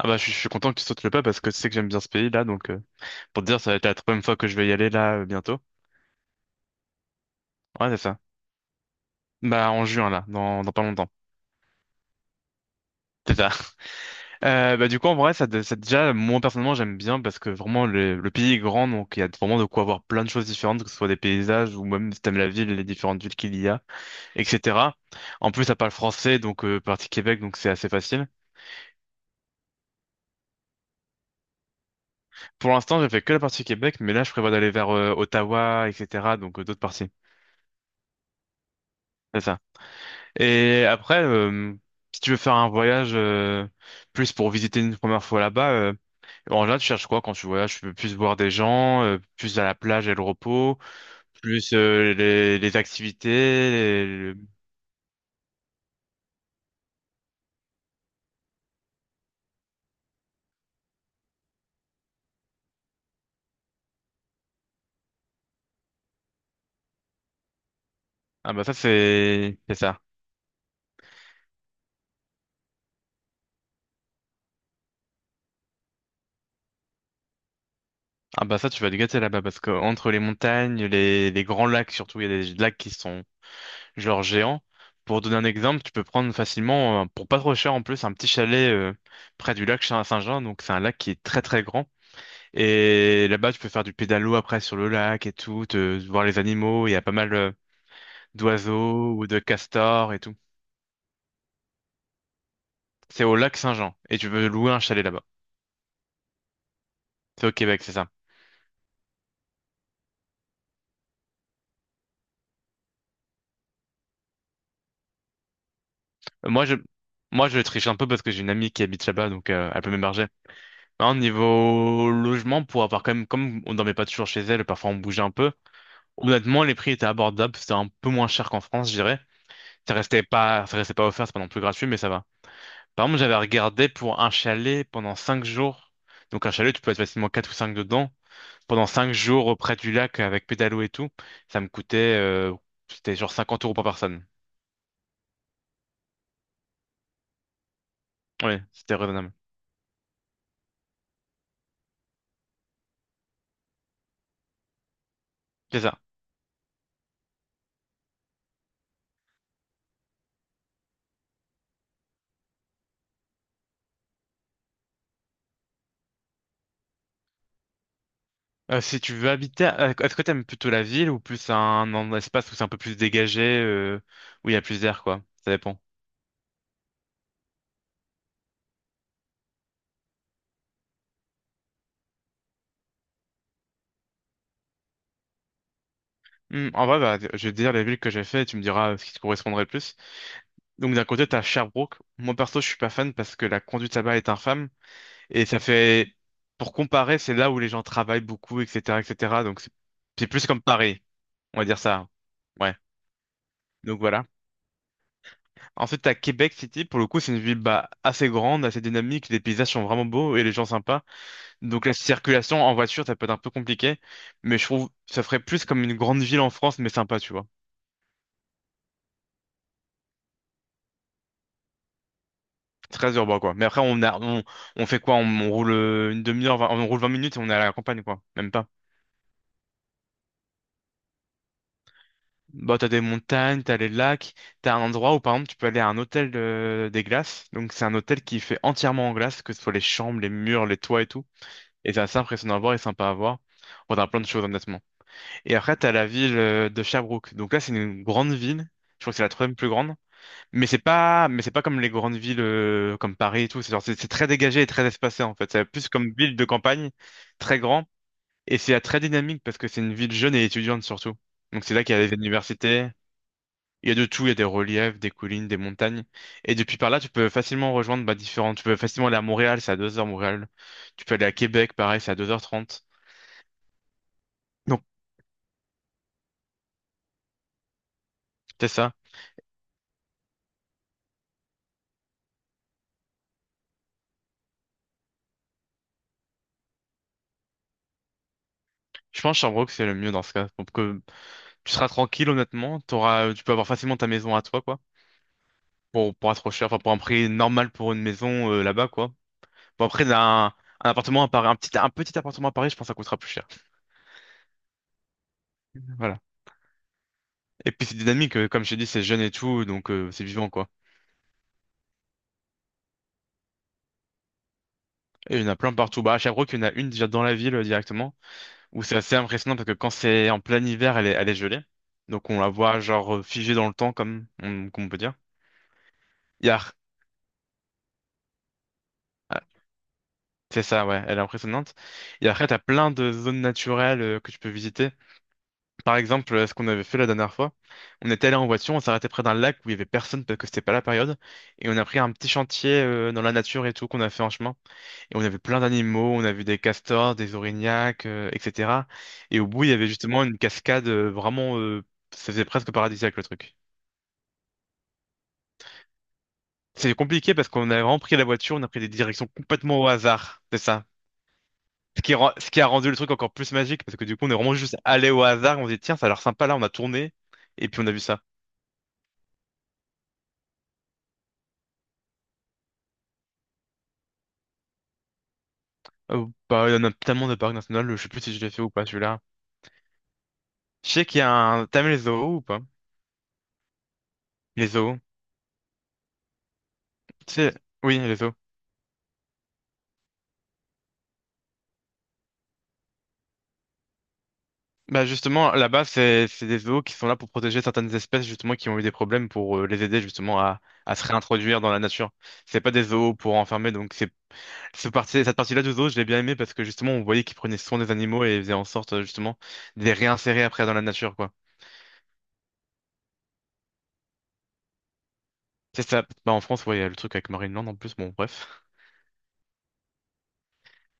Ah bah je suis content que tu sautes le pas parce que tu sais que j'aime bien ce pays là donc pour te dire ça va être la troisième fois que je vais y aller là bientôt. Ouais c'est ça. Bah en juin là, dans pas longtemps. C'est ça. Bah du coup en vrai ça déjà moi personnellement j'aime bien parce que vraiment le pays est grand donc il y a vraiment de quoi voir plein de choses différentes que ce soit des paysages ou même si t'aimes la ville les différentes villes qu'il y a etc. En plus ça parle français donc partie Québec donc c'est assez facile. Pour l'instant j'ai fait que la partie Québec mais là je prévois d'aller vers Ottawa etc. donc d'autres parties. C'est ça. Et après, si tu veux faire un voyage plus pour visiter une première fois là-bas, en général, tu cherches quoi quand tu voyages? Tu veux plus voir des gens, plus à la plage et le repos, plus les activités. les- le- Ah bah ça, c'est ça. Ah bah ça, tu vas te gâter là-bas parce que entre les montagnes, les grands lacs surtout, il y a des lacs qui sont genre géants. Pour donner un exemple, tu peux prendre facilement, pour pas trop cher en plus, un petit chalet près du lac Saint-Jean. Donc c'est un lac qui est très très grand. Et là-bas, tu peux faire du pédalo après sur le lac et tout, te, voir les animaux. Il y a pas mal d'oiseaux ou de castors et tout. C'est au lac Saint-Jean et tu peux louer un chalet là-bas. C'est au Québec, c'est ça. Euh, Moi, je, moi, je triche un peu parce que j'ai une amie qui habite là-bas, donc elle peut m'héberger. Hein, niveau logement, pour avoir quand même, comme on dormait pas toujours chez elle, parfois on bougeait un peu. Honnêtement, les prix étaient abordables, c'était un peu moins cher qu'en France, je dirais. Ça restait pas offert, c'est pas non plus gratuit, mais ça va. Par exemple, j'avais regardé pour un chalet pendant 5 jours. Donc un chalet, tu peux être facilement quatre ou cinq dedans. Pendant cinq jours auprès du lac avec pédalo et tout, ça me coûtait, c'était genre 50 euros par personne. Ouais, c'était raisonnable. C'est ça. Si tu veux habiter, est-ce que t'aimes plutôt la ville ou plus un espace où c'est un peu plus dégagé, où il y a plus d'air, quoi? Ça dépend. En vrai, bah, je vais te dire les villes que j'ai fait et tu me diras ce qui te correspondrait le plus. Donc d'un côté, t'as Sherbrooke. Moi perso, je suis pas fan parce que la conduite là-bas est infâme. Et ça fait, pour comparer, c'est là où les gens travaillent beaucoup, etc., etc. Donc c'est plus comme Paris, on va dire ça. Ouais. Donc voilà. Ensuite, à Québec City, pour le coup, c'est une ville bah, assez grande, assez dynamique. Les paysages sont vraiment beaux et les gens sympas. Donc la circulation en voiture, ça peut être un peu compliqué, mais je trouve que ça ferait plus comme une grande ville en France, mais sympa, tu vois. Très urbain, quoi. Mais après, on fait quoi? On roule une demi-heure, on roule 20 minutes et on est à la campagne, quoi. Même pas. Bah, t'as des montagnes, t'as les lacs, t'as un endroit où par exemple tu peux aller à un hôtel des glaces. Donc c'est un hôtel qui est fait entièrement en glace, que ce soit les chambres, les murs, les toits et tout. Et c'est assez impressionnant à voir et sympa à voir. Bon, t'as plein de choses honnêtement. Et après t'as la ville de Sherbrooke. Donc là c'est une grande ville. Je crois que c'est la troisième plus grande. Mais c'est pas comme les grandes villes comme Paris et tout. C'est genre c'est très dégagé et très espacé en fait. C'est plus comme ville de campagne, très grand. Et c'est très dynamique parce que c'est une ville jeune et étudiante surtout. Donc c'est là qu'il y a les universités. Il y a de tout, il y a des reliefs, des collines, des montagnes. Et depuis par là, tu peux facilement rejoindre bah, différents. Tu peux facilement aller à Montréal, c'est à 2 heures Montréal. Tu peux aller à Québec, pareil, c'est à 2 heures 30. Donc, c'est ça. Je pense Sherbrooke, c'est le mieux dans ce cas. Donc, que tu seras tranquille, honnêtement. T'auras, tu peux avoir facilement ta maison à toi, quoi. Pour pas trop cher, enfin, pour un prix normal pour une maison là-bas, quoi. Bon, après, un appartement à Paris, un petit appartement à Paris, je pense que ça coûtera plus cher. Voilà. Et puis, c'est dynamique, comme je t'ai dit, c'est jeune et tout, donc c'est vivant, quoi. Et il y en a plein partout. Bah, à Sherbrooke, il y en a une déjà dans la ville directement, où c'est assez impressionnant parce que quand c'est en plein hiver, elle est gelée. Donc on la voit genre figée dans le temps, comme on peut dire. Il y a- ah, c'est ça, ouais, elle est impressionnante. Et après, t'as plein de zones naturelles que tu peux visiter. Par exemple, ce qu'on avait fait la dernière fois, on était allé en voiture, on s'est arrêté près d'un lac où il y avait personne parce que c'était pas la période, et on a pris un petit chantier dans la nature et tout qu'on a fait en chemin. Et on avait plein d'animaux, on a vu des castors, des orignacs, etc. Et au bout, il y avait justement une cascade vraiment, ça faisait presque paradisiaque le truc. C'est compliqué parce qu'on a vraiment pris la voiture, on a pris des directions complètement au hasard. C'est ça. Ce qui a rendu le truc encore plus magique parce que du coup, on est vraiment juste allé au hasard, on s'est dit, tiens, ça a l'air sympa là, on a tourné et puis on a vu ça. Oh, bah, il y en a tellement de parcs nationaux, je sais plus si je l'ai fait ou pas celui-là. Je sais qu'il y a un. T'as les zoos ou pas? Les zoos. Tu sais, oui, les zoos. Bah justement, là-bas, c'est des zoos qui sont là pour protéger certaines espèces justement qui ont eu des problèmes pour les aider justement à se réintroduire dans la nature. C'est pas des zoos pour enfermer, donc c'est... Cette partie-là du zoo, je l'ai bien aimé parce que justement, on voyait qu'ils prenaient soin des animaux et faisaient en sorte justement de les réinsérer après dans la nature, quoi. C'est ça. Bah, en France, ouais, il y a le truc avec Marineland en plus, bon, bref.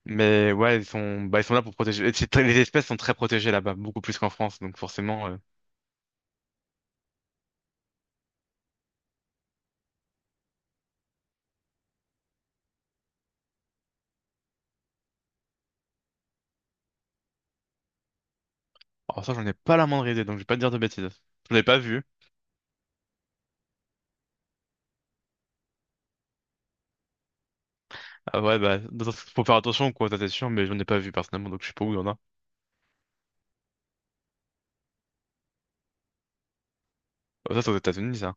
Mais ouais, ils sont, bah, ils sont là pour protéger. Et c'est très... Les espèces sont très protégées là-bas, beaucoup plus qu'en France, donc forcément. Alors ça, j'en ai pas la moindre idée, donc je vais pas te dire de bêtises. Je l'ai pas vu. Ah ouais, bah, faut faire attention, quoi, ça c'est sûr, mais j'en ai pas vu personnellement, donc je sais pas où il y en a. Ah, ça, c'est aux États-Unis, ça.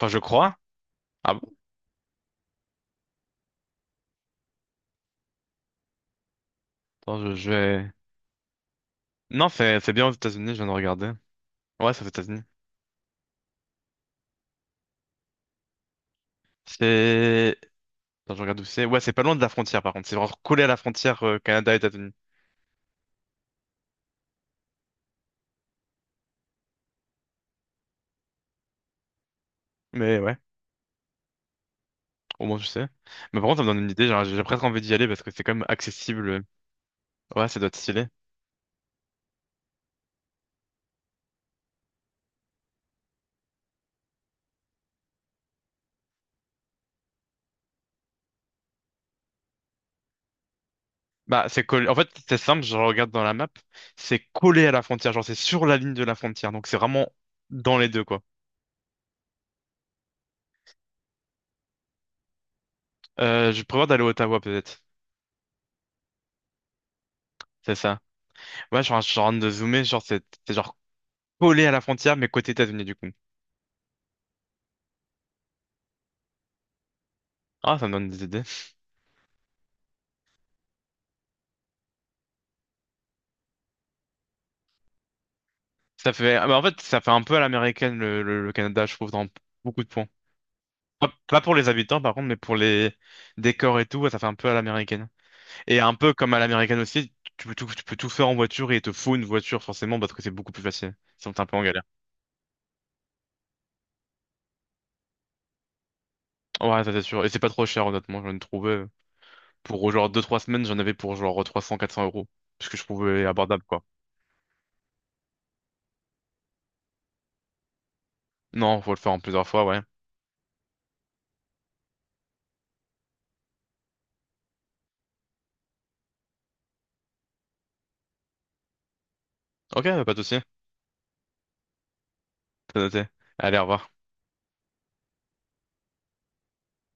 Enfin, je crois. Ah bon? Attends, je vais. Non, c'est bien aux États-Unis, je viens de regarder. Ouais, c'est aux États-Unis. C'est... Attends, je regarde où c'est. Ouais, c'est pas loin de la frontière, par contre. C'est vraiment collé à la frontière Canada-États-Unis. Mais ouais, au moins je sais. Mais par contre, ça me donne une idée. Genre, j'ai presque envie d'y aller parce que c'est quand même accessible. Ouais, ça doit être stylé. Bah, c'est collé. En fait, c'est simple. Je regarde dans la map. C'est collé à la frontière. Genre, c'est sur la ligne de la frontière. Donc, c'est vraiment dans les deux, quoi. Je prévois d'aller à Ottawa, peut-être. C'est ça. Ouais, genre, je suis en train de zoomer. Genre, c'est genre collé à la frontière, mais côté États-Unis, du coup. Ah, ça me donne des idées. Ça fait, ah, bah, en fait, ça fait un peu à l'américaine le Canada, je trouve, dans beaucoup de points. Pas pour les habitants, par contre, mais pour les décors et tout, ouais, ça fait un peu à l'américaine. Et un peu comme à l'américaine aussi, tu peux tout faire en voiture et il te faut une voiture forcément parce que c'est beaucoup plus facile. Sinon, t'es un peu en galère. Ouais, ça c'est sûr. Et c'est pas trop cher, honnêtement. J'en ai trouvé pour genre 2 3 semaines, j'en avais pour genre 300, 400 euros, parce que je trouvais abordable, quoi. Non, faut le faire en plusieurs fois, ouais. Ok, bah, pas de souci. T'as noté. Allez, au revoir.